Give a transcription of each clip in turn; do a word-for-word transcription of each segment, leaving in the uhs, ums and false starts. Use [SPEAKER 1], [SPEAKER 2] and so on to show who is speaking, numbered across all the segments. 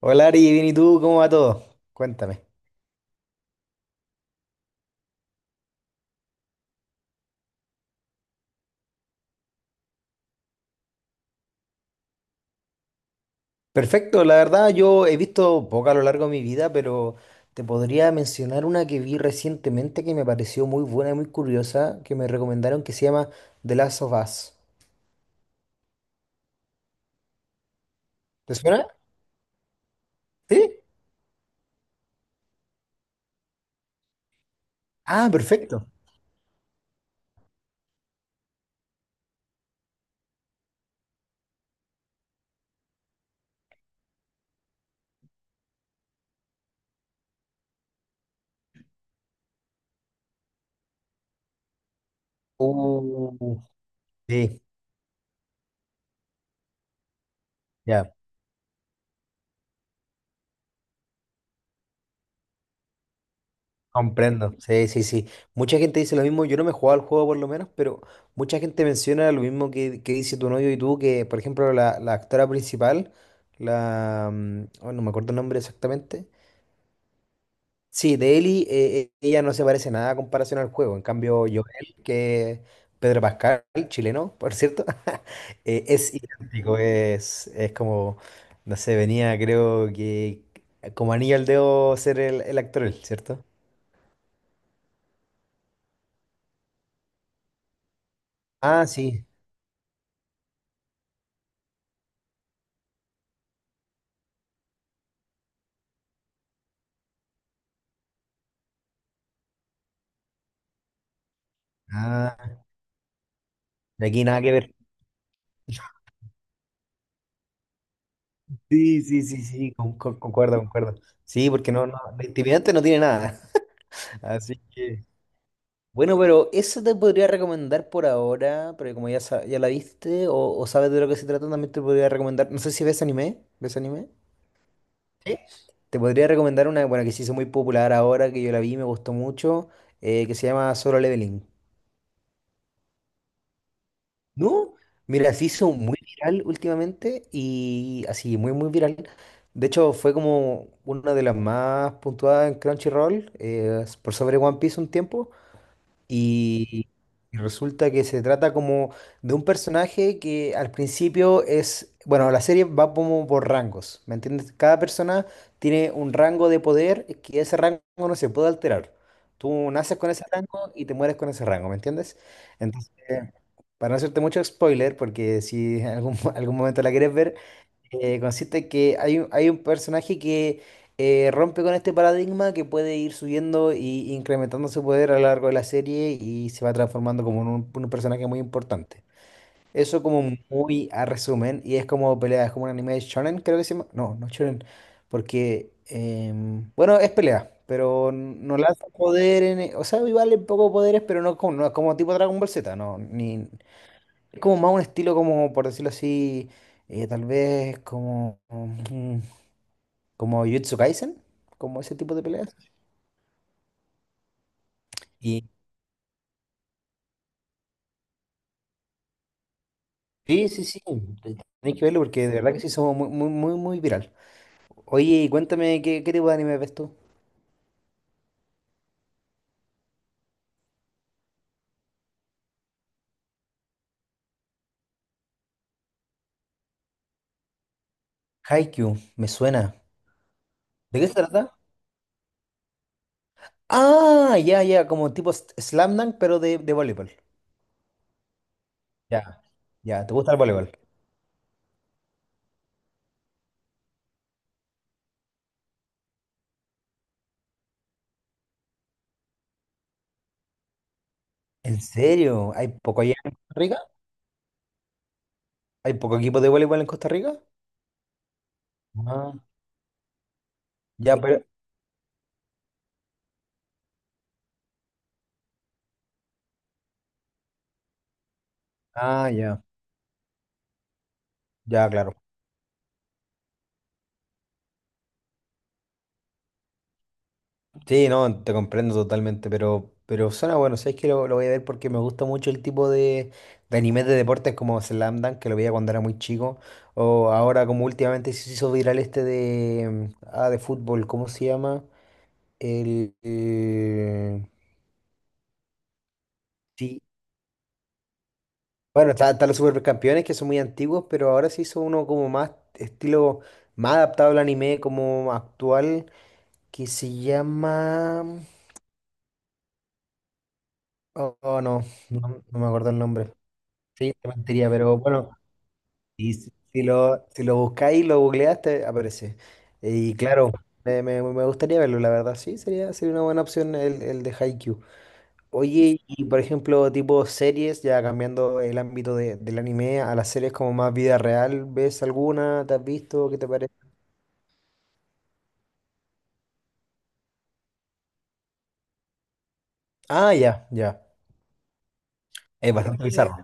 [SPEAKER 1] Hola Ari, bien y tú, ¿cómo va todo? Cuéntame. Perfecto, la verdad yo he visto poca a lo largo de mi vida, pero te podría mencionar una que vi recientemente que me pareció muy buena y muy curiosa, que me recomendaron que se llama The Last of Us. ¿Te suena? ¿Sí? Ah, perfecto. Uh, sí, ya. Comprendo, sí, sí, sí. Mucha gente dice lo mismo, yo no me he jugado al juego por lo menos, pero mucha gente menciona lo mismo que, que dice tu novio y tú, que por ejemplo la, la actora principal, la... mm, oh, no me acuerdo el nombre exactamente. Sí, de Ellie, eh, eh, ella no se parece nada a comparación al juego. En cambio, Joel, que Pedro Pascal, chileno, por cierto, eh, es idéntico, es, es como, no sé, venía creo que como anillo al dedo ser el, el actor, él, ¿cierto? Ah, sí. Ah, de aquí nada que ver. Sí, sí, sí, sí, con- con- concuerdo, concuerdo. Sí, porque no, no, de intimidante no tiene nada. Así que. Bueno, pero eso te podría recomendar por ahora, pero como ya, sa- ya la viste o, o sabes de lo que se trata, también te podría recomendar. No sé si ves anime. ¿Ves anime? Sí. Te podría recomendar una, bueno, que se hizo muy popular ahora, que yo la vi, me gustó mucho, eh, que se llama Solo Leveling. ¿No? Mira, se hizo muy viral últimamente y así, muy, muy viral. De hecho, fue como una de las más puntuadas en Crunchyroll, eh, por sobre One Piece un tiempo. Y y resulta que se trata como de un personaje que al principio es, bueno, la serie va como por rangos, ¿me entiendes? Cada persona tiene un rango de poder que ese rango no se puede alterar. Tú naces con ese rango y te mueres con ese rango, ¿me entiendes? Entonces, para no hacerte mucho spoiler, porque si en algún, algún momento la quieres ver, eh, consiste que hay, un- hay un personaje que eh, rompe con este paradigma que puede ir subiendo y incrementando su poder a lo largo de la serie y se va transformando como en un, un personaje muy importante. Eso como muy a resumen y es como pelea, es como un anime de shonen, creo que se llama. No, no shonen, porque em, bueno, es pelea, pero no lanza poder en, o sea, igual un poco poderes, pero no como no es como tipo Dragon Ball Z, no, ni es como más un estilo como, por decirlo así, eh, tal vez como, mm, como Jujutsu Kaisen, como ese tipo de peleas. Y sí, sí, sí, tenéis que verlo porque de verdad que sí somos muy, muy, muy, muy viral. Oye, y cuéntame, ¿qué, qué tipo de anime ves tú? Haikyuu, me suena. ¿De qué se trata? Ah, ya, ya, como tipo s- Slam Dunk, pero de, de voleibol. Ya, ya, ¿te gusta el voleibol? ¿En serio? ¿Hay poco allá en Costa Rica? ¿Hay poco equipo de voleibol en Costa Rica? Ah, ya, pero... Ah, ya. Ya, claro. Sí, no, te comprendo totalmente, pero, pero suena bueno. Sabes que lo, lo voy a ver porque me gusta mucho el tipo de, de animes de deportes como Slam Dunk, que lo veía cuando era muy chico. O ahora, como últimamente se hizo viral este de, mm, ah, de fútbol, ¿cómo se llama? El, eh, sí. Bueno, está- están los supercampeones que son muy antiguos, pero ahora se hizo uno como más estilo, más adaptado al anime, como actual, que se llama. Oh, oh, no, no, no me acuerdo el nombre. Sí, te mentiría, pero bueno, y si, si lo, si lo buscáis y lo googleaste, aparece. Y claro, me, me- me gustaría verlo, la verdad, sí, sería, sería una buena opción el, el de Haikyuu. Oye, y por ejemplo, tipo series, ya cambiando el ámbito de- del anime a las series como más vida real, ¿ves alguna? ¿Te has visto? ¿Qué te parece? Ah, ya, ya. Es bastante bizarro.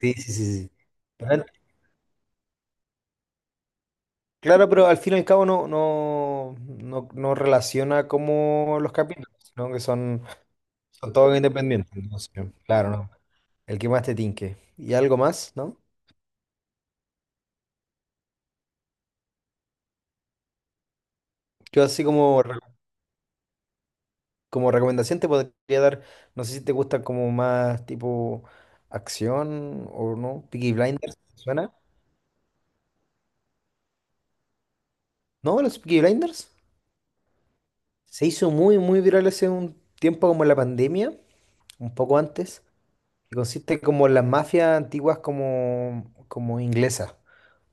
[SPEAKER 1] Sí, sí, sí, sí. Pero- en- Claro, pero al fin y al cabo no, no, no, no relaciona como los capítulos, sino que son son todos independientes, entonces, claro, ¿no? El que más te tinque. Y algo más, ¿no? Yo así como, re- como recomendación te podría dar, no sé si te gusta como más tipo acción o no, Peaky Blinders, ¿te ¿suena? ¿No? ¿Los Peaky Blinders? Se hizo muy, muy viral hace un tiempo como en la pandemia, un poco antes, que consiste como en las mafias antiguas como, como inglesas,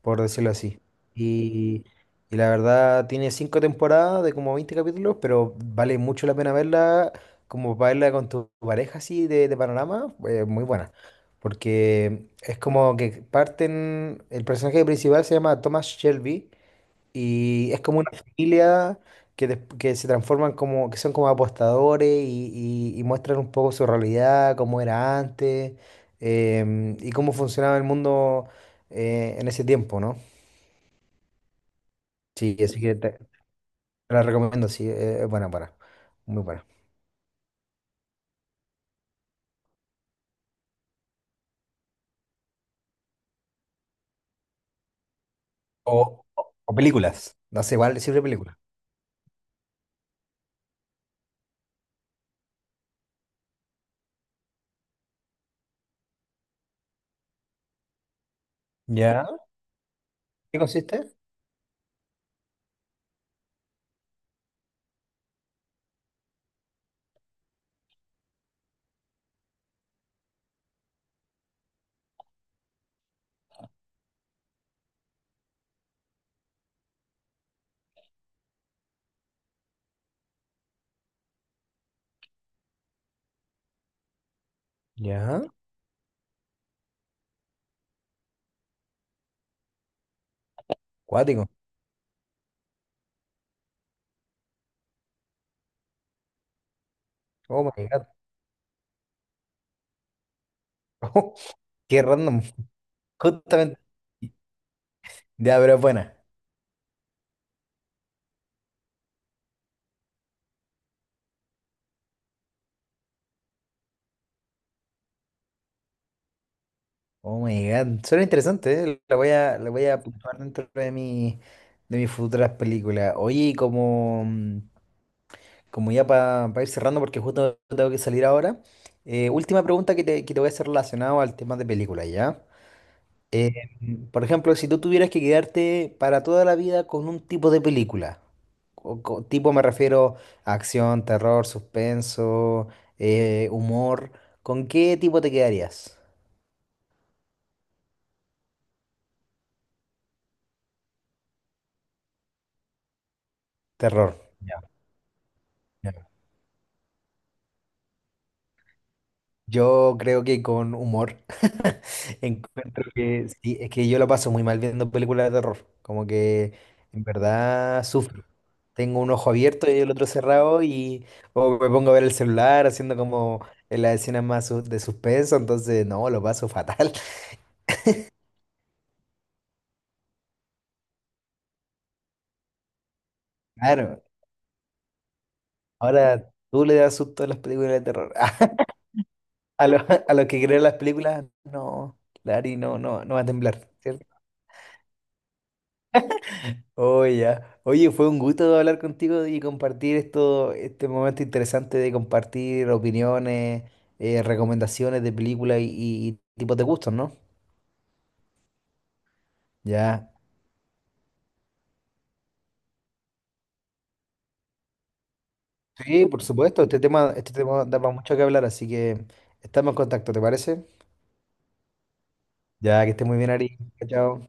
[SPEAKER 1] por decirlo así. Y, y la verdad tiene cinco temporadas de como veinte capítulos, pero vale mucho la pena verla, como para verla con tu pareja así de, de panorama, eh, muy buena. Porque es como que parten, el personaje principal se llama Thomas Shelby y es como una familia que, des- que se transforman como, que son como apostadores y, y- y muestran un poco su realidad, cómo era antes, em, y cómo funcionaba el mundo eh, en ese tiempo, ¿no? Sí, así que te, te la recomiendo, sí, eh, es buena, buena, muy buena. O, o- o películas, no sé, igual sirve película. ¿Ya? ¿Qué consiste? Ya. Cuático. Oh my God. Qué random. Justamente. Ya, pero es buena. Oh my God. Suena interesante, ¿eh? La voy a, la voy a apuntar dentro de mi, de mis futuras películas. Oye, y como, mm, como ya para ir cerrando, porque justo tengo que salir ahora, eh, última pregunta que te, que te voy a hacer relacionado al tema de películas, ¿ya? Eh, mm, por ejemplo, si tú tuvieras que quedarte para toda la vida con un tipo de película, o co- tipo me refiero a acción, terror, suspenso, eh, humor, ¿con qué tipo te quedarías? Terror. Ya. Yo creo que con humor encuentro que sí, es que yo lo paso muy mal viendo películas de terror, como que en verdad sufro. Tengo un ojo abierto y el otro cerrado y o me pongo a ver el celular haciendo como en las escenas más su- de suspenso, entonces no, lo paso fatal. Claro, ahora tú le das susto a las películas de terror. A los, a los que creen las películas, no, Lari, no, no, no va a temblar. Oh, ya. Oye, fue un gusto hablar contigo y compartir esto, este momento interesante de compartir opiniones, eh, recomendaciones de películas y, y- y tipos de gustos, ¿no? Ya. Sí, por supuesto. Este tema, este tema da para mucho que hablar, así que estamos en contacto, ¿te parece? Ya, que estés muy bien, Ari. Chao.